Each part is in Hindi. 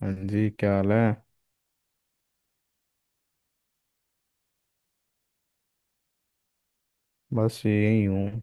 हाँ जी, क्या हाल है। बस यही हूँ।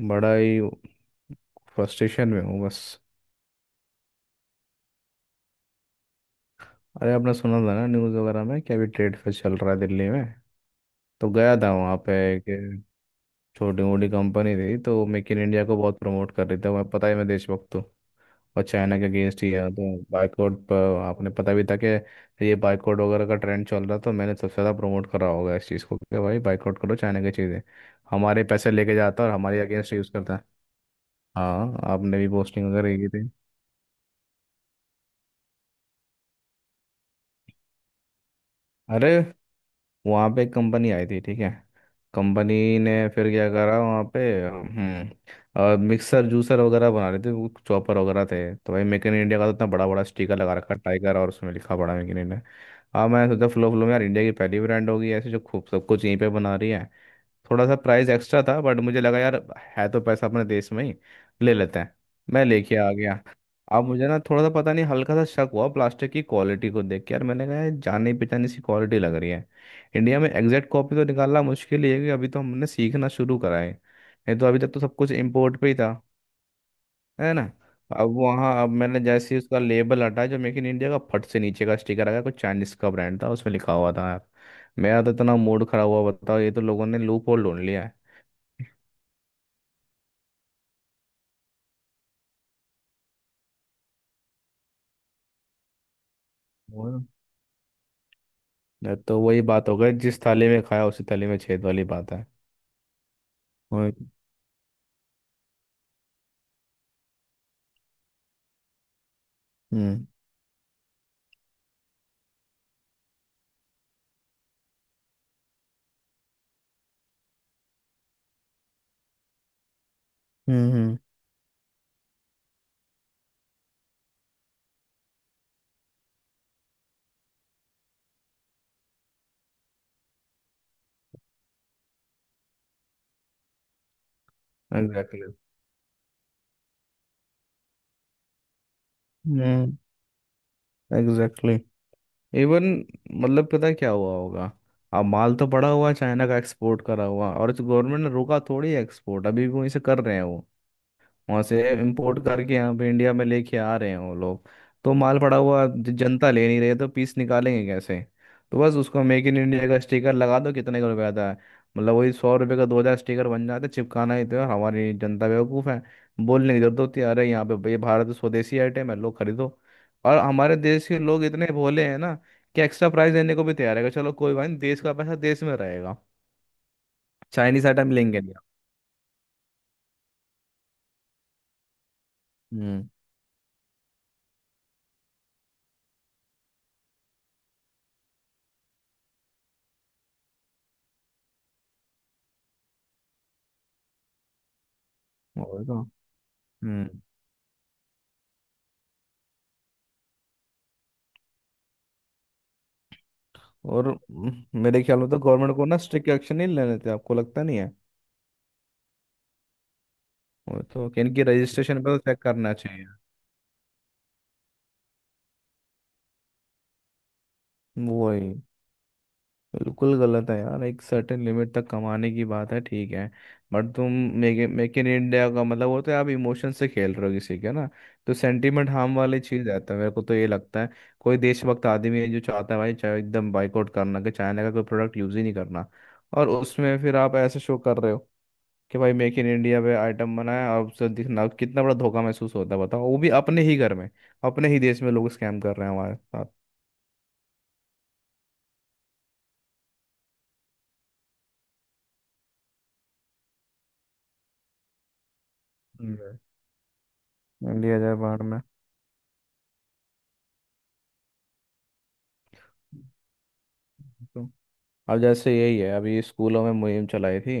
बड़ा ही फ्रस्ट्रेशन में हूँ बस। अरे आपने सुना था ना न्यूज़ वगैरह में कि अभी ट्रेड फेयर चल रहा है दिल्ली में। तो गया था वहाँ पे। एक छोटी मोटी कंपनी थी तो मेक इन इंडिया को बहुत प्रमोट कर रही थी। मैं पता ही मैं देशभक्त हूँ और चाइना के अगेंस्ट ही है तो। बाइकआउट पर आपने पता भी था कि ये बाइकआउट वगैरह का ट्रेंड चल रहा, तो मैंने सबसे ज़्यादा प्रमोट करा होगा इस चीज़ को कि भाई बाइकआउट करो चाइना की चीज़ें। हमारे पैसे लेके जाता है और हमारे अगेंस्ट यूज़ करता है। हाँ, आपने भी पोस्टिंग वगैरह की। अरे वहाँ पे एक कंपनी आई थी, ठीक है। कंपनी ने फिर क्या करा वहाँ पे। हम्म, मिक्सर जूसर वगैरह बना रहे थे, वो चॉपर वगैरह थे, तो भाई मेक इन इंडिया का तो इतना बड़ा बड़ा स्टिकर लगा रखा टाइगर और उसमें लिखा पड़ा मेक इन इंडिया। अब मैं सोचा फ्लो फ्लो में यार इंडिया की पहली ब्रांड होगी ऐसे जो खूब सब कुछ यहीं पे बना रही है। थोड़ा सा प्राइस एक्स्ट्रा था, बट मुझे लगा यार है तो पैसा अपने देश में ही, ले लेते हैं। मैं लेके आ गया। अब मुझे ना थोड़ा सा पता नहीं हल्का सा शक हुआ प्लास्टिक की क्वालिटी को देख के। यार मैंने कहा यार जानी पहचानी सी क्वालिटी लग रही है। इंडिया में एग्जैक्ट कॉपी तो निकालना मुश्किल ही है कि अभी तो हमने सीखना शुरू करा है। नहीं तो अभी तक तो सब कुछ इम्पोर्ट पे ही था, है ना। अब वहाँ अब मैंने जैसे ही उसका लेबल हटाया जो मेक इन इंडिया का, फट से नीचे का स्टिकर आ गया, कुछ चाइनीज का ब्रांड था, उसमें लिखा हुआ था यार। मेरा तो इतना मूड खराब हुआ, बताओ। ये तो लोगों ने लूप होल ढूंढ लिया है। और तो वही बात हो गई, जिस थाली में खाया उसी थाली में छेद वाली बात है। और- hmm. Hmm. Exactly. Hmm. Exactly. Even मतलब पता है क्या हुआ होगा। अब माल तो पड़ा हुआ है, चाइना का एक्सपोर्ट करा हुआ, और गवर्नमेंट ने रोका थोड़ी, एक्सपोर्ट अभी भी वहीं से कर रहे हैं वो। वहां से इम्पोर्ट करके यहाँ पे इंडिया में लेके आ रहे हैं वो लोग। तो माल पड़ा हुआ, जनता ले नहीं रही है, तो पीस निकालेंगे कैसे। तो बस उसको मेक इन इंडिया का स्टिकर लगा दो, कितने का रुपया आता है। मतलब वही 100 रुपये का 2 हज़ार स्टिकर बन जाता है, चिपकाना ही तो है। हमारी जनता बेवकूफ़ है। बोलने की जरूरत होती है अरे यहाँ पे ये भारत स्वदेशी आइटम है, लोग खरीदो। और हमारे देश के लोग इतने भोले हैं ना कि एक्स्ट्रा प्राइस देने को भी तैयार है, चलो कोई बात नहीं, देश का पैसा देश में रहेगा, चाइनीस आइटम लेंगे नहीं। हम्म। और तो। हम्म। और मेरे ख्याल में तो गवर्नमेंट को ना स्ट्रिक्ट एक्शन नहीं लेने थे, आपको लगता नहीं है। वो तो कि इनकी रजिस्ट्रेशन पे तो चेक करना चाहिए। वही। बिल्कुल गलत है यार। एक सर्टेन लिमिट तक कमाने की बात है, ठीक है। बट तुम मेक मेक इन इंडिया का मतलब, वो तो आप इमोशन से खेल रहे हो किसी के ना। तो सेंटीमेंट हार्म वाली चीज़ रहता है, मेरे को तो ये लगता है। कोई देशभक्त आदमी है जो चाहता है भाई चाहे एकदम बाइकआउट करना कि चाइना का कोई प्रोडक्ट यूज़ ही नहीं करना। और उसमें फिर आप ऐसे शो कर रहे हो कि भाई मेक इन इंडिया पे आइटम बनाया, और उससे दिखना, कितना बड़ा धोखा महसूस होता है बताओ, वो भी अपने ही घर में। अपने ही देश में लोग स्कैम कर रहे हैं हमारे साथ। हम्म। इंडिया जाए बाहर में। तो अब जैसे यही है, अभी स्कूलों में मुहिम चलाई थी।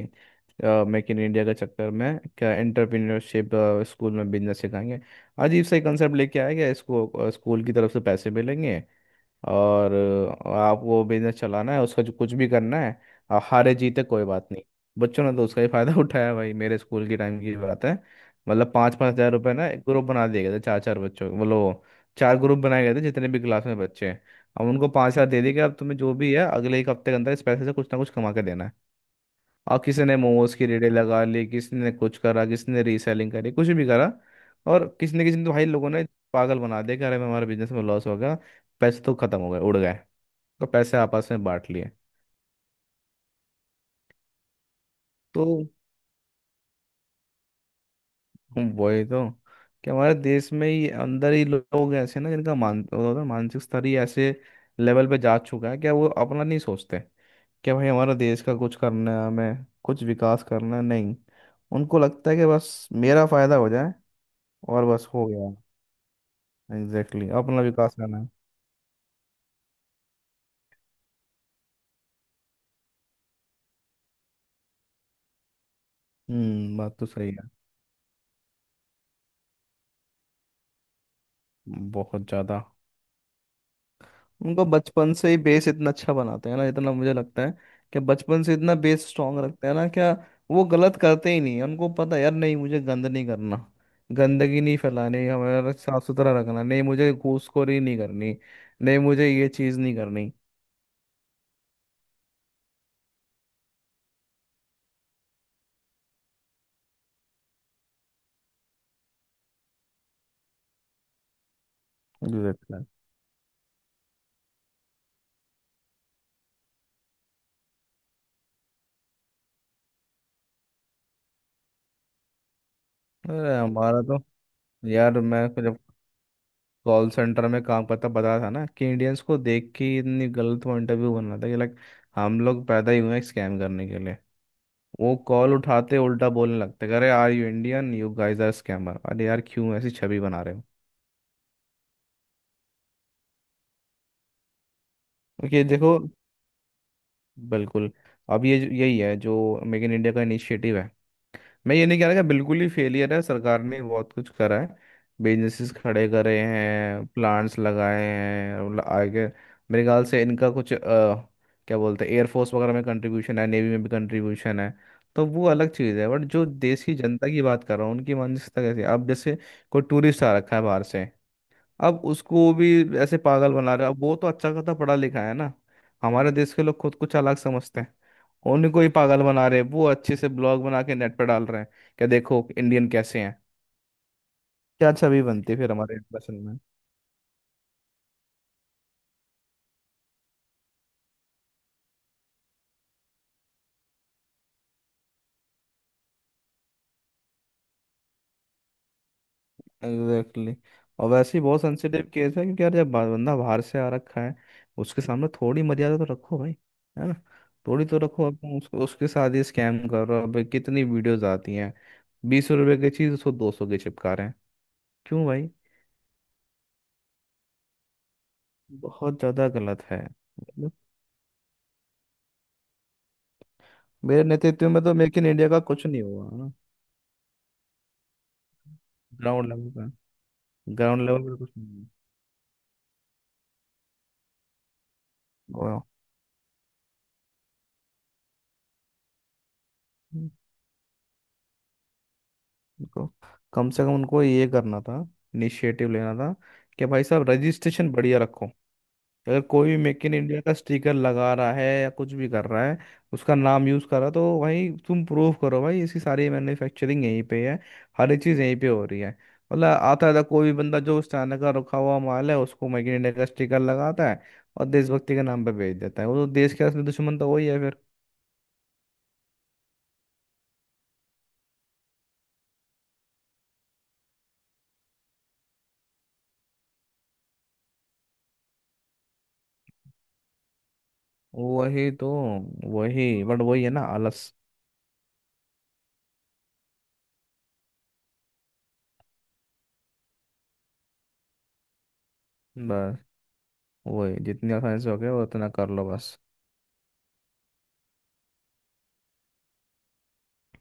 मेक इन इंडिया के चक्कर में क्या एंटरप्रेन्योरशिप, स्कूल में बिजनेस सिखाएंगे। अजीब सा कंसेप्ट लेके आया गया इसको। स्कूल की तरफ से पैसे मिलेंगे और आपको बिजनेस चलाना है, उसका जो कुछ भी करना है। आप हारे जीते कोई बात नहीं। बच्चों ने तो उसका ही फायदा उठाया भाई। मेरे स्कूल की टाइम की बात है। मतलब पाँच पाँच हजार रुपए ना, एक ग्रुप बना दिए गए थे चार चार बच्चों के, बोलो। चार ग्रुप बनाए गए थे जितने भी क्लास में बच्चे हैं। अब उनको 5 हजार दे दिए कि अब तुम्हें जो भी है अगले 1 हफ्ते के अंदर इस पैसे से कुछ ना कुछ कमा के देना है। और किसी ने मोमोज की रेडी लगा ली, किसी ने कुछ करा, किसी ने रीसेलिंग करी, कुछ भी करा। और किसी ने तो भाई, लोगों ने पागल बना दिया कि अरे हमारे बिजनेस में लॉस हो गया, पैसे तो खत्म हो गए, उड़ गए, तो पैसे आपस में बांट लिए। तो हम वही तो, कि हमारे देश में ही अंदर ही लोग ऐसे ना, जिनका मान वो होता है, मानसिक स्तर ही ऐसे लेवल पे जा चुका है, क्या वो अपना नहीं सोचते। क्या भाई हमारा देश का कुछ करना है, हमें कुछ विकास करना है, नहीं। उनको लगता है कि बस मेरा फायदा हो जाए और बस हो गया। एग्जैक्टली, exactly, अपना विकास करना है। हम्म, बात तो सही है। बहुत ज़्यादा। उनको बचपन से ही बेस इतना अच्छा बनाते हैं ना, इतना मुझे लगता है कि बचपन से इतना बेस स्ट्रांग रखते हैं ना क्या, वो गलत करते ही नहीं हैं। उनको पता है, यार नहीं मुझे गंद नहीं करना, गंदगी नहीं फैलानी, हमारा साफ सुथरा रखना, नहीं मुझे घूसखोरी नहीं करनी, नहीं मुझे ये चीज़ नहीं करनी। एग्जैक्टली। अरे हमारा तो, यार मैं जब कॉल सेंटर में काम करता, पता था ना कि इंडियंस को देख के ही, इतनी गलत वो इंटरव्यू बना था कि लाइक हम लोग पैदा ही हुए हैं स्कैम करने के लिए। वो कॉल उठाते उल्टा बोलने लगते, अरे are you Indian, you guys are scammer. अरे यार क्यों ऐसी छवि बना रहे हो। ओके देखो। बिल्कुल। अब ये यही है जो मेक इन इंडिया का इनिशिएटिव है। मैं ये नहीं कह रहा कि बिल्कुल ही फेलियर है, सरकार ने बहुत कुछ करा है, बिजनेसेस खड़े करे हैं, प्लांट्स लगाए हैं, और आगे मेरे ख्याल से इनका कुछ क्या बोलते हैं, एयरफोर्स वगैरह में कंट्रीब्यूशन है, नेवी में भी कंट्रीब्यूशन है। तो वो अलग चीज़ है, बट जो देश की जनता की बात कर रहा हूँ, उनकी मानसिकता कैसी है। अब जैसे कोई टूरिस्ट आ रखा है बाहर से, अब उसको भी ऐसे पागल बना रहे हैं। अब वो तो अच्छा खासा पढ़ा लिखा है ना, हमारे देश के लोग खुद कुछ अलग समझते हैं, उन्हीं को ही पागल बना रहे हैं। वो अच्छे से ब्लॉग बना के नेट पे डाल रहे हैं, क्या देखो इंडियन कैसे हैं। क्या छवि बनती है फिर हमारे इंप्रेशन में। Exactly, exactly. और वैसे ही बहुत सेंसिटिव केस है, क्योंकि यार जब बंदा बाहर से आ रखा है, उसके सामने थोड़ी मर्यादा तो रखो भाई। है ना। थोड़ी तो रखो। अब तुम उसको, उसके साथ ही स्कैम कर रहे हो। अब कितनी वीडियोज आती हैं, 20 रुपए की चीज़ उसको 200 की चिपका रहे हैं। क्यों भाई। बहुत ज्यादा गलत है मतलब। मेरे नेतृत्व में तो मेक इन इंडिया का कुछ नहीं हुआ है ना, ग्राउंड लेवल का। ग्राउंड लेवल पे कुछ नहीं हुआ उनको, कम से कम उनको ये करना था, इनिशिएटिव लेना था कि भाई साहब रजिस्ट्रेशन बढ़िया रखो। अगर कोई भी मेक इन इंडिया का स्टिकर लगा रहा है या कुछ भी कर रहा है, उसका नाम यूज कर रहा है, तो भाई तुम प्रूव करो भाई इसकी सारी मैन्युफैक्चरिंग यहीं पे है, हर एक चीज यहीं पे हो रही है। मतलब आता था कोई भी बंदा, जो उस चाइना का रखा हुआ माल है उसको मेक इन इंडिया का स्टिकर लगाता है और देशभक्ति के नाम पे बेच देता है, वो तो देश का असली दुश्मन तो वही है फिर। वही तो। वही बट वही है ना, आलस। बस वही, जितनी आसानी से हो गया उतना कर लो बस।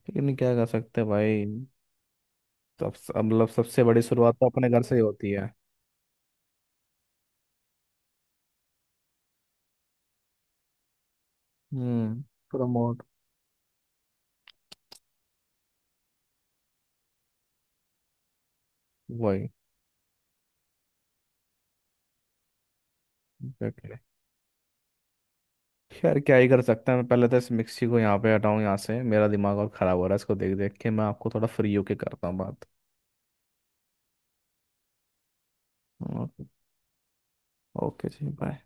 लेकिन क्या कर सकते हैं भाई। सब सब- मतलब सबसे बड़ी शुरुआत तो अपने घर से ही होती है। हम्म। प्रमोट। वही। एग्जैक्टली। खैर क्या ही कर सकते हैं, मैं पहले तो इस मिक्सी को यहाँ पे हटाऊं, यहाँ से मेरा दिमाग और ख़राब हो रहा है इसको देख देख के। मैं आपको थोड़ा फ्री होके करता हूँ बात। ओके। ओके जी, बाय।